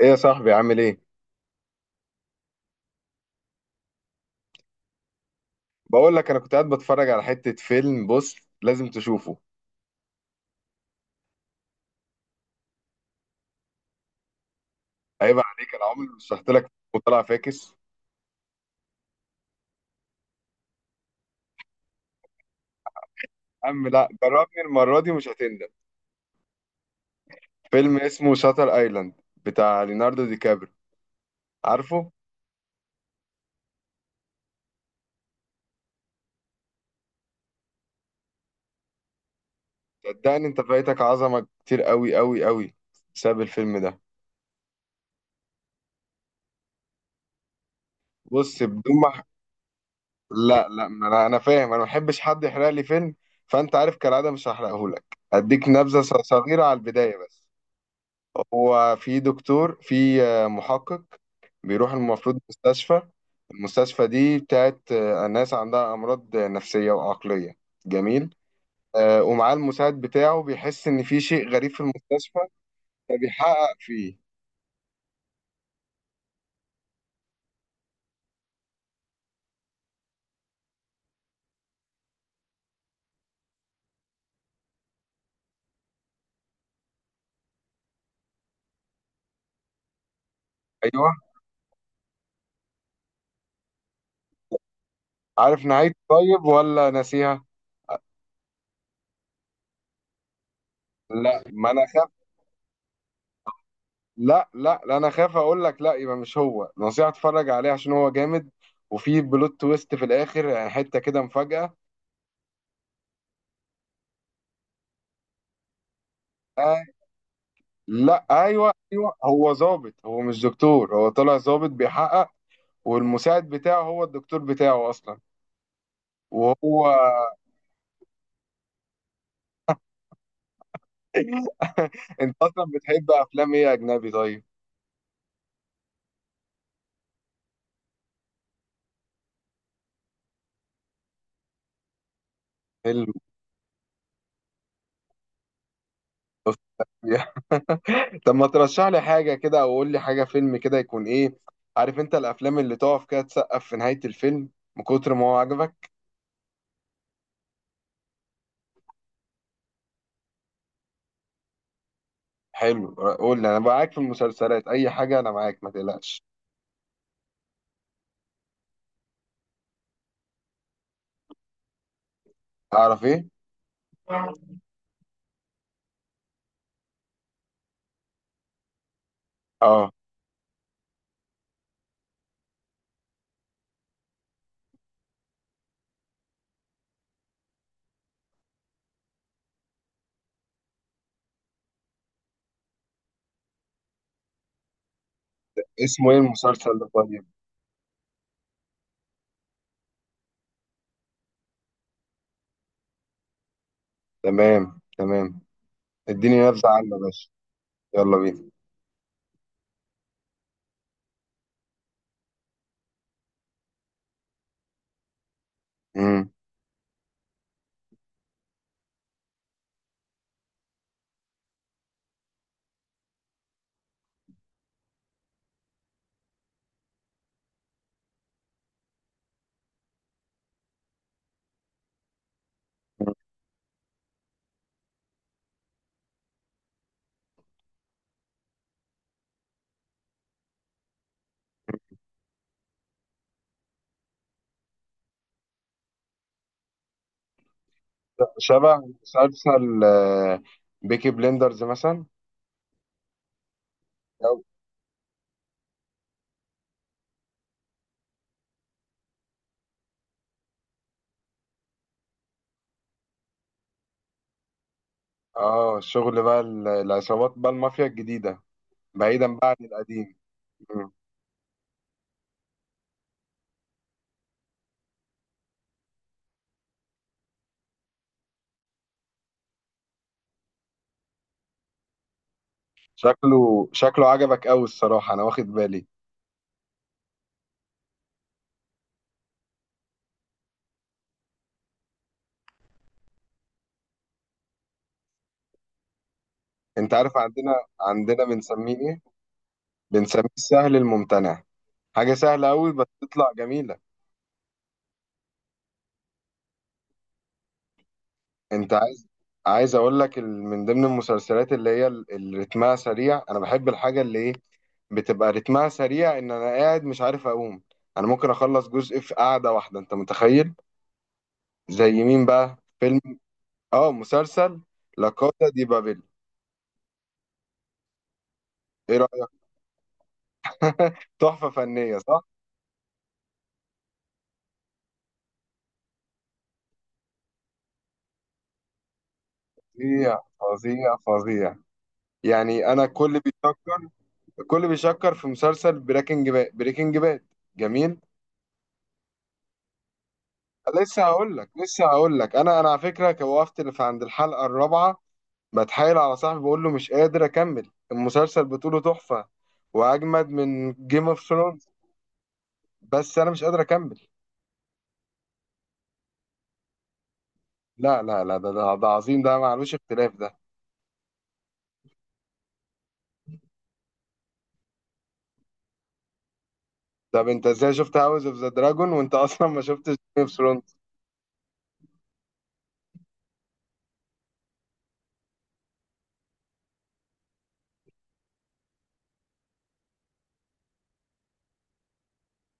ايه يا صاحبي عامل ايه؟ بقول لك انا كنت قاعد بتفرج على حتة فيلم. بص، لازم تشوفه. عيب عليك، انا عمري ما شرحت لك وطلع فاكس. عم لا، جربني المرة دي مش هتندم. فيلم اسمه شاتر ايلاند بتاع ليوناردو دي كابري، عارفه؟ صدقني انت فايتك عظمة كتير قوي قوي قوي بسبب الفيلم ده. بص، بدون ما لا ما انا فاهم، انا ما بحبش حد يحرق لي فيلم، فانت عارف كالعادة مش هحرقه لك. اديك نبذة صغيرة على البداية بس. هو في دكتور، في محقق، بيروح المفروض مستشفى. المستشفى دي بتاعت ناس عندها أمراض نفسية وعقلية. جميل. ومعاه المساعد بتاعه، بيحس إن في شيء غريب في المستشفى، فبيحقق فيه. أيوه، عارف نهايته طيب ولا ناسيها؟ لا، ما أنا خاف. لا، أنا خاف أقول لك، لا يبقى مش هو. نصيحة اتفرج عليه عشان هو جامد، وفي بلوت تويست في الآخر، يعني حتة كده مفاجأة. آه، لا، أيوه أيوه، هو ظابط، هو مش دكتور، هو طلع ظابط بيحقق. والمساعد بتاعه هو الدكتور بتاعه اصلا. وهو انت اصلا بتحب افلام ايه اجنبي؟ طيب، حلو. طب ما ترشح لي حاجه كده، او قول لي حاجه، فيلم كده يكون ايه. عارف انت الافلام اللي تقف كده، تسقف في نهايه الفيلم من كتر ما هو عجبك. حلو، قول لي، انا معاك في المسلسلات، اي حاجه انا معاك ما تقلقش. تعرف ايه؟ اه. اسمه ايه المسلسل ده طيب؟ تمام تمام. اديني نبذه عنه يا باشا، يلا بينا. امم، شبه مسلسل بيكي بليندرز مثلا. أو- اه، شغل بقى العصابات بقى، المافيا الجديدة، بعيدا بقى عن القديم. مم. شكله عجبك قوي الصراحة، انا واخد بالي. انت عارف عندنا، عندنا بنسميه ايه؟ بنسميه السهل الممتنع. حاجة سهلة قوي بس تطلع جميلة. انت عايز، عايز اقول لك من ضمن المسلسلات اللي هي اللي رتمها سريع. انا بحب الحاجه اللي ايه، بتبقى رتمها سريع ان انا قاعد مش عارف اقوم. انا ممكن اخلص جزء في قعده واحده، انت متخيل؟ زي مين بقى؟ فيلم، اه مسلسل، لا كاسا دي بابل. ايه رايك؟ تحفه فنيه صح؟ فظيع فظيع فظيع. يعني انا كل بيشكر، كل بيشكر في مسلسل بريكنج باد، بريكنج باد. جميل. لسه هقول لك، لسه هقول لك، انا على فكره وقفت في عند الحلقه الرابعه. بتحايل على صاحبي بقول له مش قادر اكمل المسلسل بطوله. تحفه، واجمد من جيم اوف ثرونز، بس انا مش قادر اكمل. لا لا لا، ده ده عظيم، ده معلوش اختلاف ده. طب انت ازاي شفت هاوس اوف ذا دراجون وانت اصلا ما شفتش جيم اوف ثرونز؟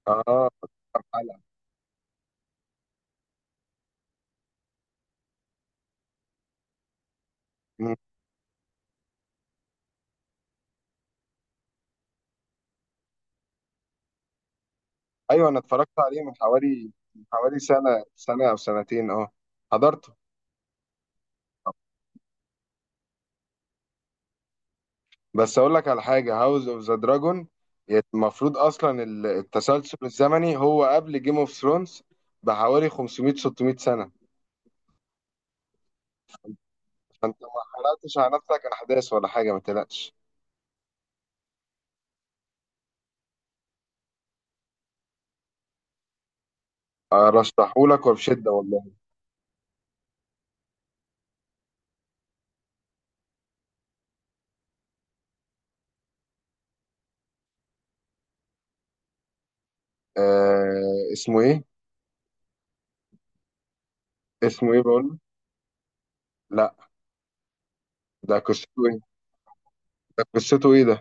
اه، حلقة. مم. ايوه انا اتفرجت عليه من حوالي، من حوالي سنه، سنه او سنتين، اه. حضرت. بس اقول لك على حاجه، هاوس اوف ذا دراجون المفروض اصلا التسلسل الزمني هو قبل جيم اوف ثرونز بحوالي 500 600 سنه. فانت ما حرقتش على نفسك احداث ولا حاجه، ما تقلقش. ارشحهولك وبشده والله. آه، اسمه ايه؟ اسمه ايه بقول لك؟ لا، ده قصته ايه؟ ده قصته ايه ده؟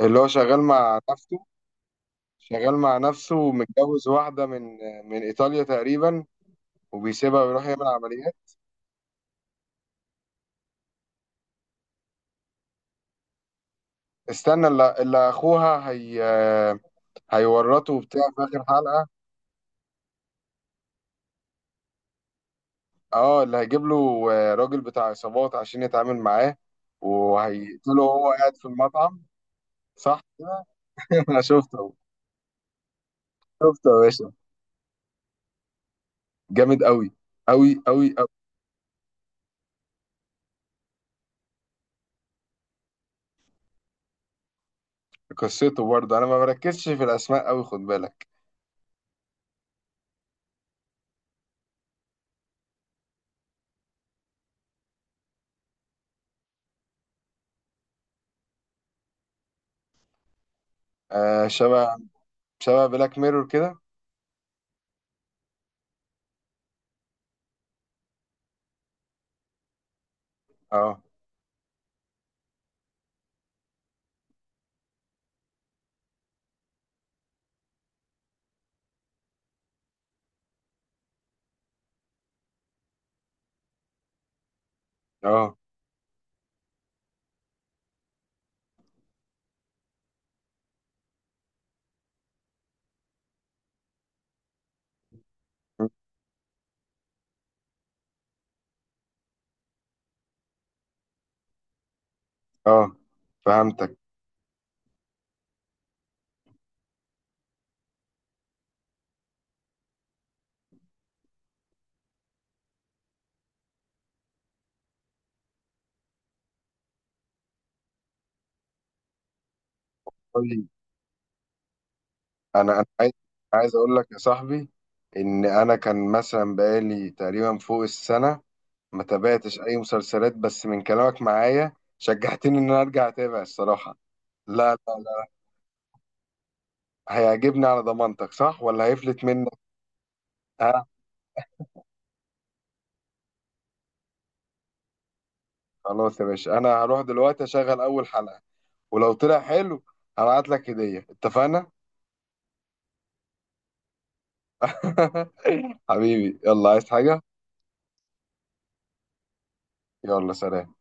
اللي هو شغال مع نفسه، شغال مع نفسه، ومتجوز واحده من، من ايطاليا تقريبا، وبيسيبها ويروح يعمل عمليات. استنى، اللي اخوها هي هيورطه وبتاع في اخر حلقه. اه، اللي هيجيب له راجل بتاع عصابات عشان يتعامل معاه، وهيقتله وهو قاعد في المطعم، صح كده؟ انا شفته، شفته يا باشا. جامد قوي، قوي قوي قوي. قصته برضه انا ما بركزش في الاسماء قوي، خد بالك. آه، شبه، شبه بلاك ميرور كده؟ اه اه اه، فهمتك. طيب انا، انا عايز، عايز اقول لك يا صاحبي ان انا كان مثلا بقالي تقريبا فوق السنه ما تابعتش اي مسلسلات، بس من كلامك معايا شجعتني ان انا ارجع اتابع الصراحه. لا لا لا. هيعجبني على ضمانتك صح، ولا هيفلت منك؟ ها. خلاص يا باشا، انا هروح دلوقتي اشغل اول حلقه، ولو طلع حلو هبعت لك هديه، اتفقنا؟ حبيبي يلا، عايز حاجه؟ يلا، سلام.